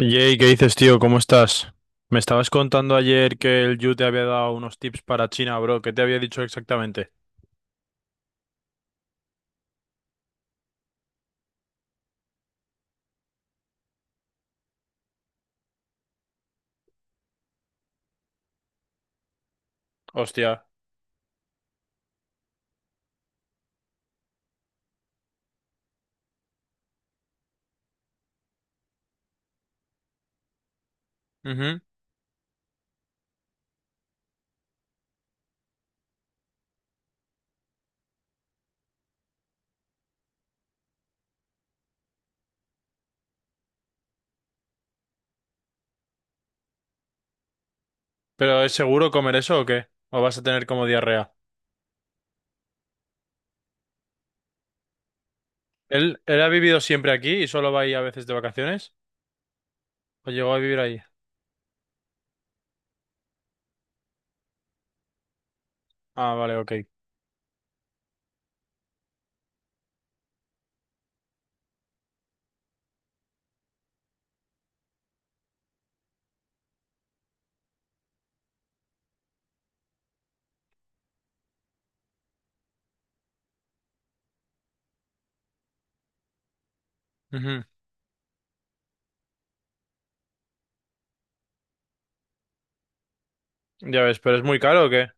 Jay, ¿qué dices, tío? ¿Cómo estás? Me estabas contando ayer que el Yu te había dado unos tips para China, bro. ¿Qué te había dicho exactamente? Hostia. Ujú. ¿Pero es seguro comer eso o qué? ¿O vas a tener como diarrea? ¿Él ha vivido siempre aquí y solo va ahí a veces de vacaciones? ¿O llegó a vivir ahí? Ah, vale, ok. Ujú. Ya ves, ¿pero es muy caro o qué?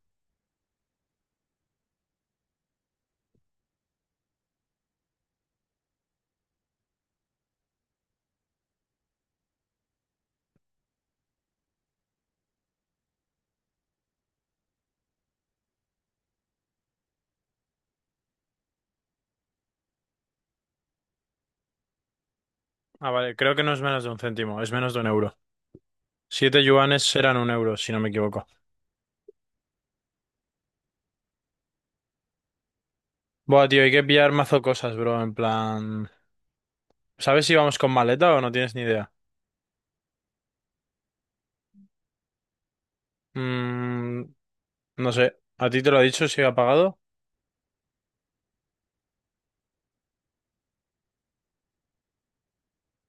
Ah, vale, creo que no es menos de un céntimo, es menos de un euro. 7 yuanes serán un euro, si no me equivoco. Buah, tío, hay que pillar mazo cosas, bro. En plan, ¿sabes si vamos con maleta o no tienes ni idea? Mm, no sé. ¿A ti te lo ha dicho si ha pagado?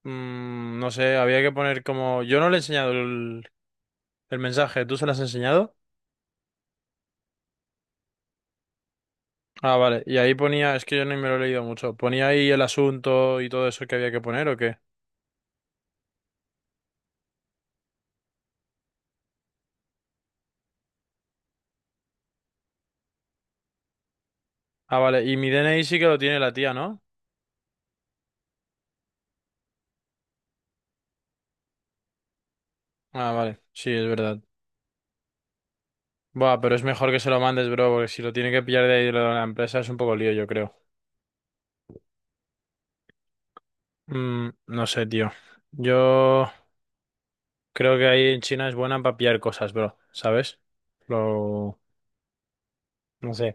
Mm, no sé, había que poner como. Yo no le he enseñado el mensaje, ¿tú se lo has enseñado? Ah, vale. Y ahí ponía, es que yo no me lo he leído mucho. ¿Ponía ahí el asunto y todo eso que había que poner o qué? Ah, vale. Y mi DNI sí que lo tiene la tía, ¿no? Ah, vale. Sí, es verdad. Buah, pero es mejor que se lo mandes, bro, porque si lo tiene que pillar de ahí de la empresa es un poco lío, yo creo. Mm, no sé, tío. Yo creo que ahí en China es buena para pillar cosas, bro, ¿sabes? Lo... No sé.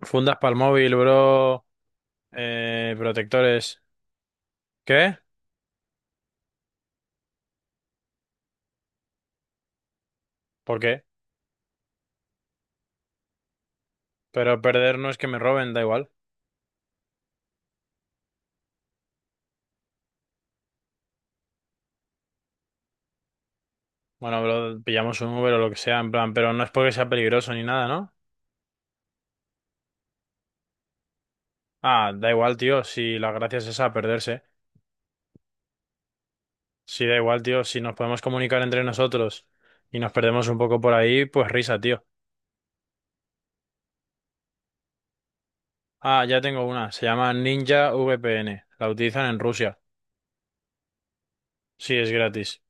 Fundas para el móvil, bro. Protectores. ¿Qué? ¿Por qué? Pero perder no es que me roben, da igual. Bueno, bro, pillamos un Uber o lo que sea, en plan, pero no es porque sea peligroso ni nada, ¿no? Ah, da igual, tío, si la gracia es esa, perderse. Sí, da igual, tío, si nos podemos comunicar entre nosotros y nos perdemos un poco por ahí, pues risa, tío. Ah, ya tengo una. Se llama Ninja VPN. La utilizan en Rusia. Sí, es gratis.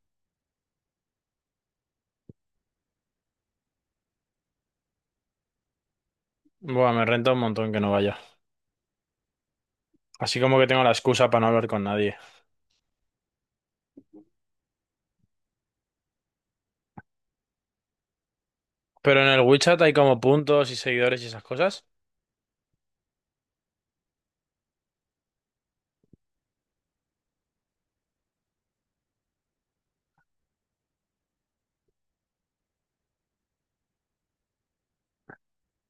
Buah, me renta un montón que no vaya. Así como que tengo la excusa para no hablar con nadie. Pero en el WeChat hay como puntos y seguidores y esas cosas.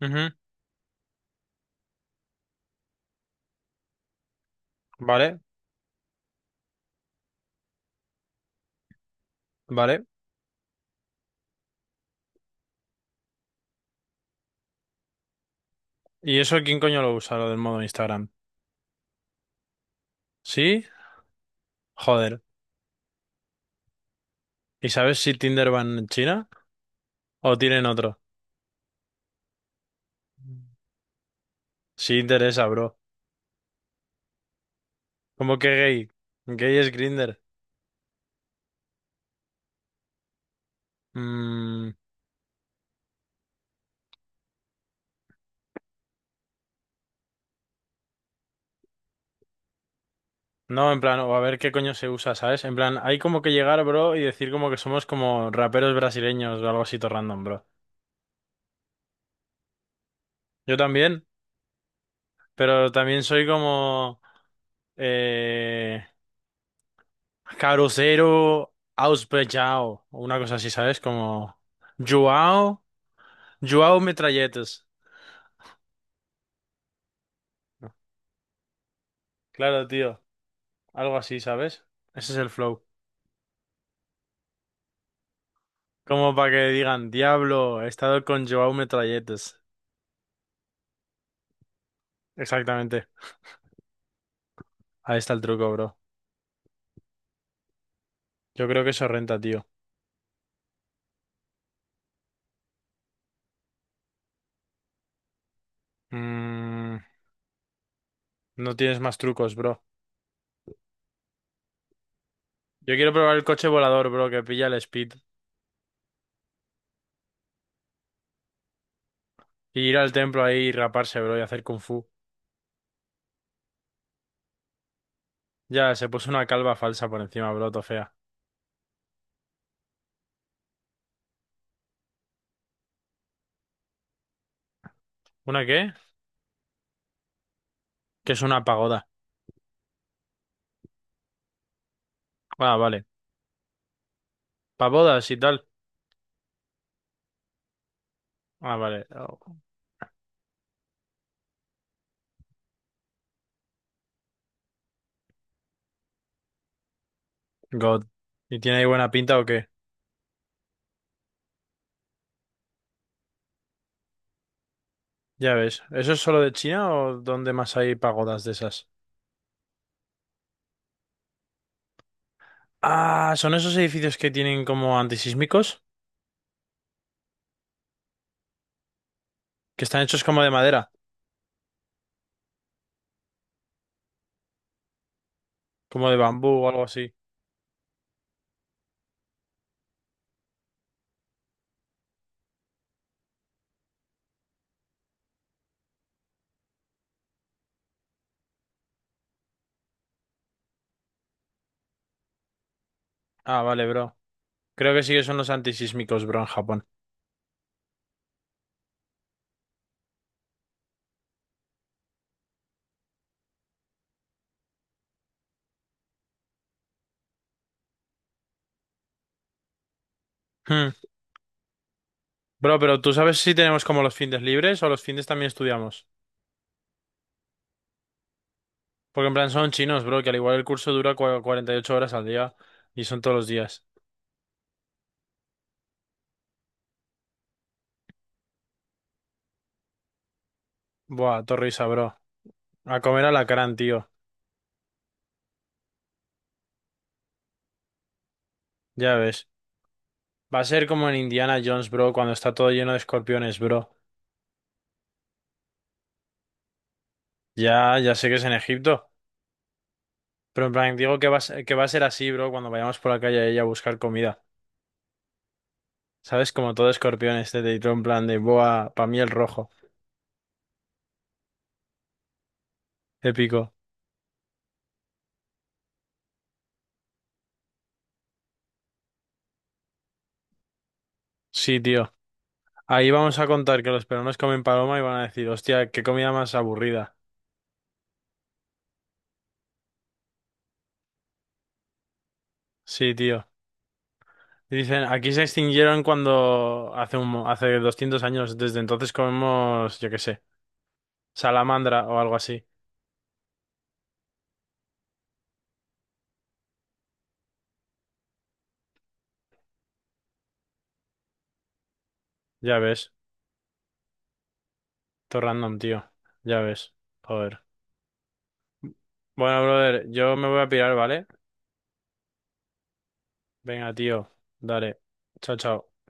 Ujú. Vale, vale. ¿Y eso quién coño lo usa, lo del modo Instagram? ¿Sí? Joder. ¿Y sabes si Tinder van en China o tienen otro? Sí interesa, bro. ¿Cómo que gay? Gay es Grinder. No, en plan, o a ver qué coño se usa, ¿sabes? En plan, hay como que llegar, bro, y decir como que somos como raperos brasileños o algo así todo random, bro. Yo también, pero también soy como eh, Caruzeiro Auspechao, o una cosa así, ¿sabes? Como Joao, Joao Metralletes. Claro, tío, algo así, ¿sabes? Ese es el flow. Como para que digan, diablo, he estado con Joao Metralletes. Exactamente. Ahí está el truco, bro. Yo creo que eso renta, tío. Mm. No tienes más trucos, bro. Yo quiero probar el coche volador, bro, que pilla el speed. Y ir al templo ahí y raparse, bro, y hacer kung fu. Ya, se puso una calva falsa por encima, bro, to fea. ¿Una qué? Que es una pagoda. Ah, vale. Pagodas y tal. Ah, vale. Oh, God. ¿Y tiene ahí buena pinta o qué? Ya ves. ¿Eso es solo de China o dónde más hay pagodas de esas? Ah, son esos edificios que tienen como antisísmicos, que están hechos como de madera, como de bambú o algo así. Ah, vale, bro. Creo que sí que son los antisísmicos, bro, en Japón. Hmm. Bro, pero ¿tú sabes si tenemos como los findes libres o los findes también estudiamos? Porque en plan son chinos, bro, que al igual el curso dura 48 horas al día y son todos los días. Buah, torrisa, bro. A comer alacrán, tío. Ya ves. Va a ser como en Indiana Jones, bro, cuando está todo lleno de escorpiones, bro. Ya, ya sé que es en Egipto. Pero en plan, digo que va a ser, que va a ser así, bro, cuando vayamos por la calle a ella a buscar comida. ¿Sabes? Como todo escorpiones, este y en plan de, buah, pa' mí el rojo. Épico. Sí, tío. Ahí vamos a contar que los peruanos comen paloma y van a decir, hostia, qué comida más aburrida. Sí, tío. Dicen, aquí se extinguieron cuando hace 200 años, desde entonces comemos, yo qué sé, salamandra o algo así. Ya ves, todo random, tío. Ya ves. Joder. Bueno, brother, yo me voy a pirar, ¿vale? Venga, tío, dale. Chao, chao.